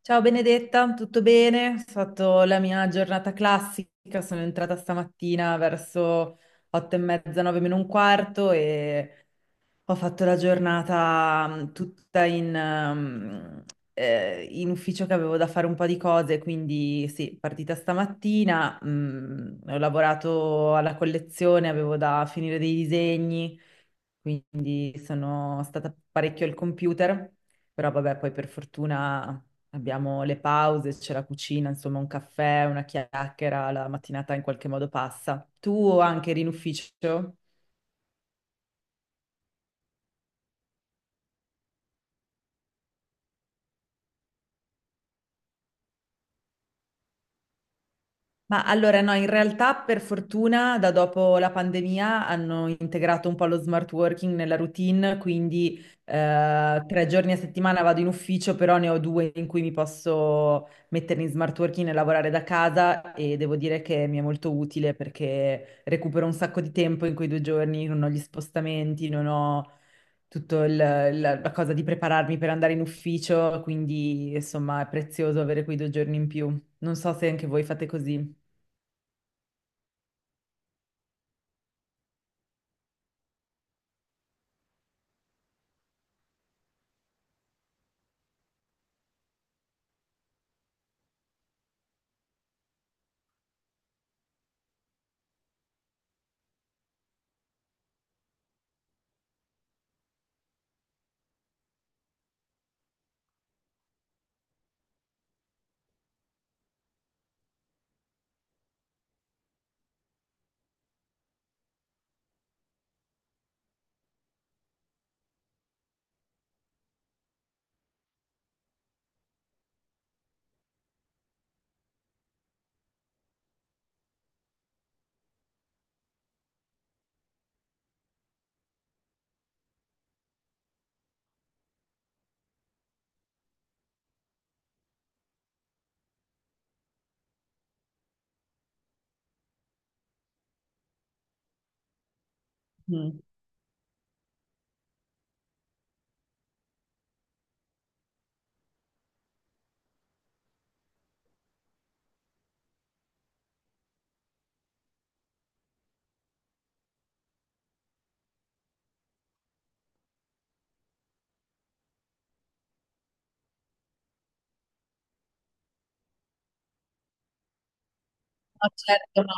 Ciao Benedetta, tutto bene? Ho fatto la mia giornata classica, sono entrata stamattina verso 8:30, 8:45 e ho fatto la giornata tutta in ufficio che avevo da fare un po' di cose, quindi sì, partita stamattina, ho lavorato alla collezione, avevo da finire dei disegni quindi sono stata parecchio al computer, però vabbè, poi per fortuna abbiamo le pause, c'è la cucina, insomma un caffè, una chiacchiera, la mattinata in qualche modo passa. Tu anche eri in ufficio? Ma allora no, in realtà per fortuna da dopo la pandemia hanno integrato un po' lo smart working nella routine, quindi 3 giorni a settimana vado in ufficio, però ne ho due in cui mi posso mettere in smart working e lavorare da casa e devo dire che mi è molto utile perché recupero un sacco di tempo in quei 2 giorni, non ho gli spostamenti, non ho tutto la cosa di prepararmi per andare in ufficio, quindi insomma è prezioso avere quei 2 giorni in più. Non so se anche voi fate così. Mm. No, certo, ma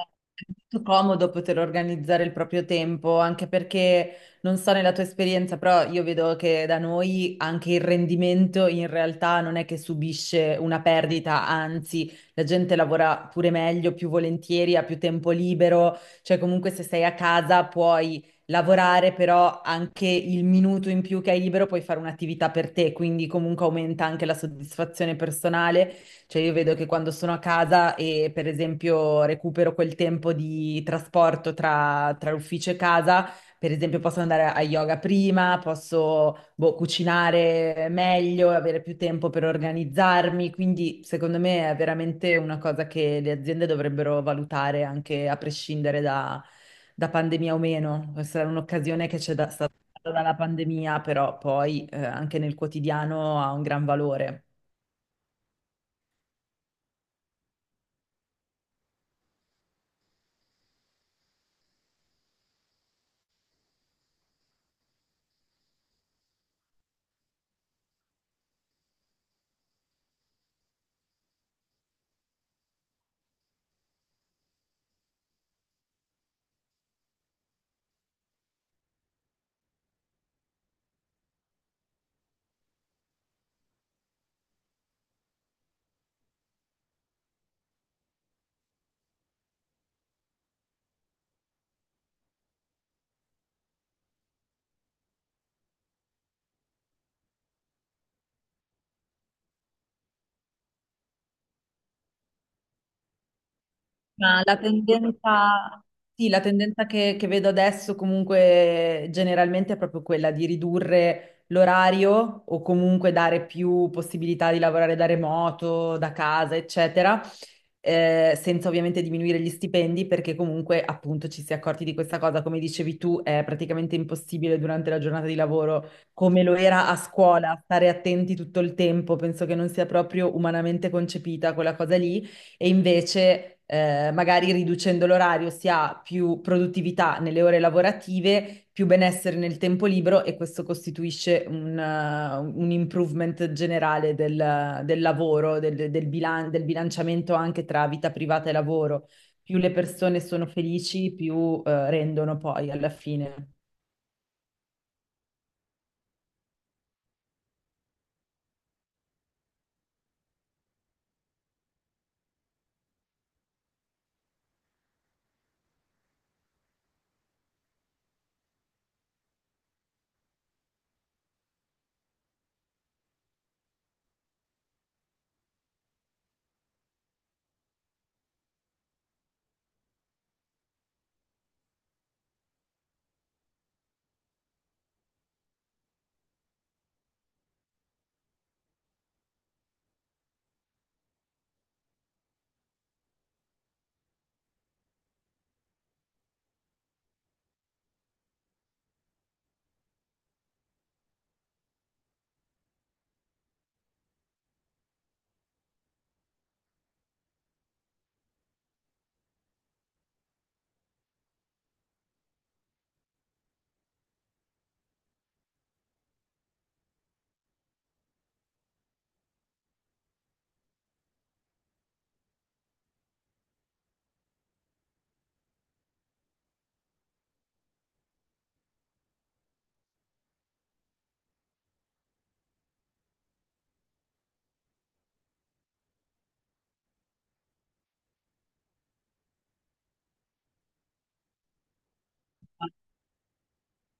è, è molto comodo poter organizzare il proprio tempo, anche perché non so nella tua esperienza, però io vedo che da noi anche il rendimento in realtà non è che subisce una perdita, anzi, la gente lavora pure meglio, più volentieri, ha più tempo libero, cioè comunque se sei a casa puoi lavorare, però anche il minuto in più che hai libero puoi fare un'attività per te, quindi comunque aumenta anche la soddisfazione personale. Cioè io vedo che quando sono a casa e per esempio recupero quel tempo di trasporto tra, tra l'ufficio e casa, per esempio posso andare a yoga prima, posso boh, cucinare meglio, avere più tempo per organizzarmi, quindi secondo me è veramente una cosa che le aziende dovrebbero valutare anche a prescindere da pandemia o meno. Questa è un'occasione che c'è stata data dalla pandemia, però poi anche nel quotidiano ha un gran valore. Ma la tendenza, sì, la tendenza che vedo adesso comunque generalmente è proprio quella di ridurre l'orario o comunque dare più possibilità di lavorare da remoto, da casa, eccetera, senza ovviamente diminuire gli stipendi, perché comunque appunto ci si è accorti di questa cosa, come dicevi tu, è praticamente impossibile durante la giornata di lavoro, come lo era a scuola, stare attenti tutto il tempo, penso che non sia proprio umanamente concepita quella cosa lì, e invece magari riducendo l'orario si ha più produttività nelle ore lavorative, più benessere nel tempo libero e questo costituisce un improvement generale del lavoro, del bilanciamento anche tra vita privata e lavoro. Più le persone sono felici, più rendono poi alla fine.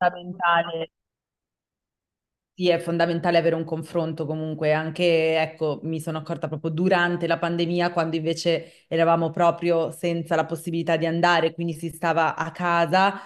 Fondamentale. Sì, è fondamentale avere un confronto comunque, anche, ecco, mi sono accorta proprio durante la pandemia, quando invece eravamo proprio senza la possibilità di andare, quindi si stava a casa,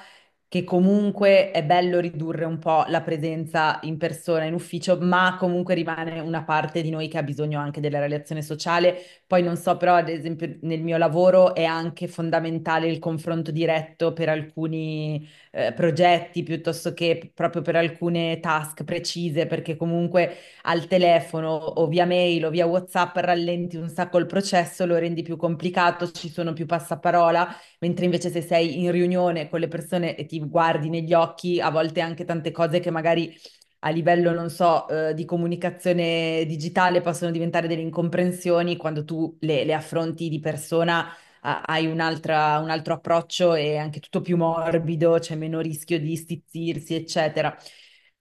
che comunque è bello ridurre un po' la presenza in persona, in ufficio, ma comunque rimane una parte di noi che ha bisogno anche della relazione sociale. Poi non so, però, ad esempio, nel mio lavoro è anche fondamentale il confronto diretto per alcuni progetti piuttosto che proprio per alcune task precise, perché comunque al telefono o via mail o via WhatsApp rallenti un sacco il processo, lo rendi più complicato, ci sono più passaparola, mentre invece se sei in riunione con le persone e ti guardi negli occhi, a volte anche tante cose che magari a livello, non so, di comunicazione digitale possono diventare delle incomprensioni, quando tu le affronti di persona hai un altro approccio e anche tutto più morbido, c'è meno rischio di stizzirsi, eccetera.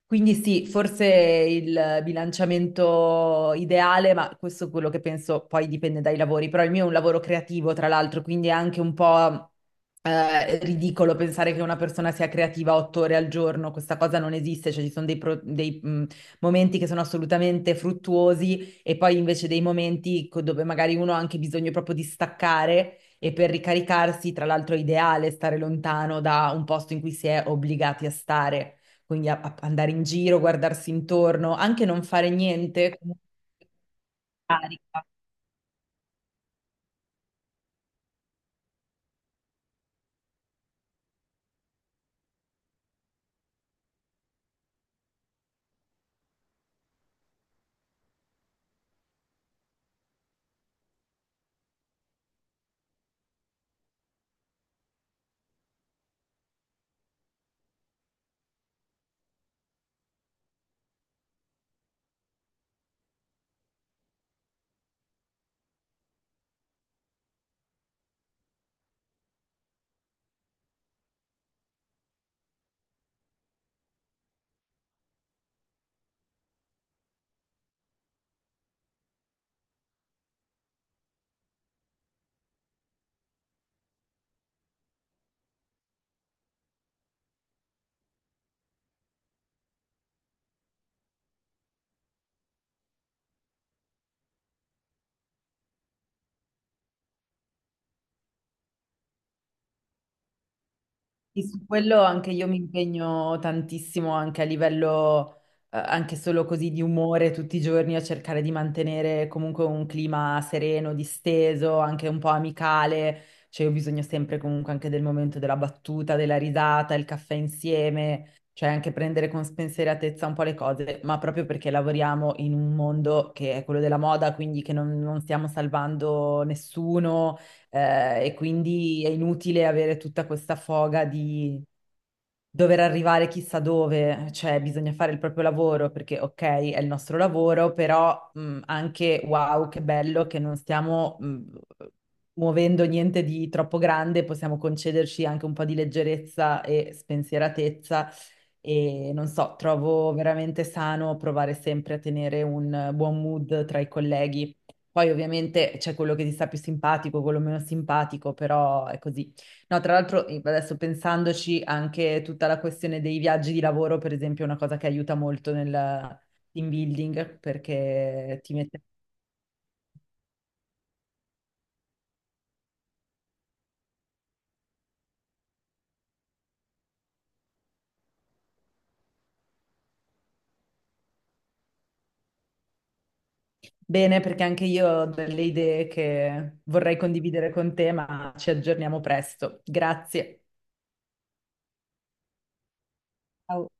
Quindi sì, forse il bilanciamento ideale, ma questo è quello che penso poi dipende dai lavori, però il mio è un lavoro creativo, tra l'altro, quindi è anche un po' ridicolo pensare che una persona sia creativa 8 ore al giorno, questa cosa non esiste, cioè ci sono dei momenti che sono assolutamente fruttuosi e poi invece dei momenti dove magari uno ha anche bisogno proprio di staccare e per ricaricarsi, tra l'altro è ideale stare lontano da un posto in cui si è obbligati a stare, quindi andare in giro, guardarsi intorno, anche non fare niente, comunque carica. Sì, su quello anche io mi impegno tantissimo anche a livello, anche solo così di umore tutti i giorni a cercare di mantenere comunque un clima sereno, disteso, anche un po' amicale. Cioè, ho bisogno sempre comunque anche del momento della battuta, della risata, il caffè insieme, cioè anche prendere con spensieratezza un po' le cose, ma proprio perché lavoriamo in un mondo che è quello della moda, quindi che non stiamo salvando nessuno e quindi è inutile avere tutta questa foga di, dover arrivare chissà dove, cioè bisogna fare il proprio lavoro perché ok, è il nostro lavoro, però anche wow, che bello che non stiamo muovendo niente di troppo grande, possiamo concederci anche un po' di leggerezza e spensieratezza e non so, trovo veramente sano provare sempre a tenere un buon mood tra i colleghi. Poi ovviamente c'è quello che ti sta più simpatico, quello meno simpatico, però è così. No, tra l'altro adesso pensandoci anche tutta la questione dei viaggi di lavoro, per esempio, è una cosa che aiuta molto nel team building perché ti mette bene, perché anche io ho delle idee che vorrei condividere con te, ma ci aggiorniamo presto. Grazie. Ciao.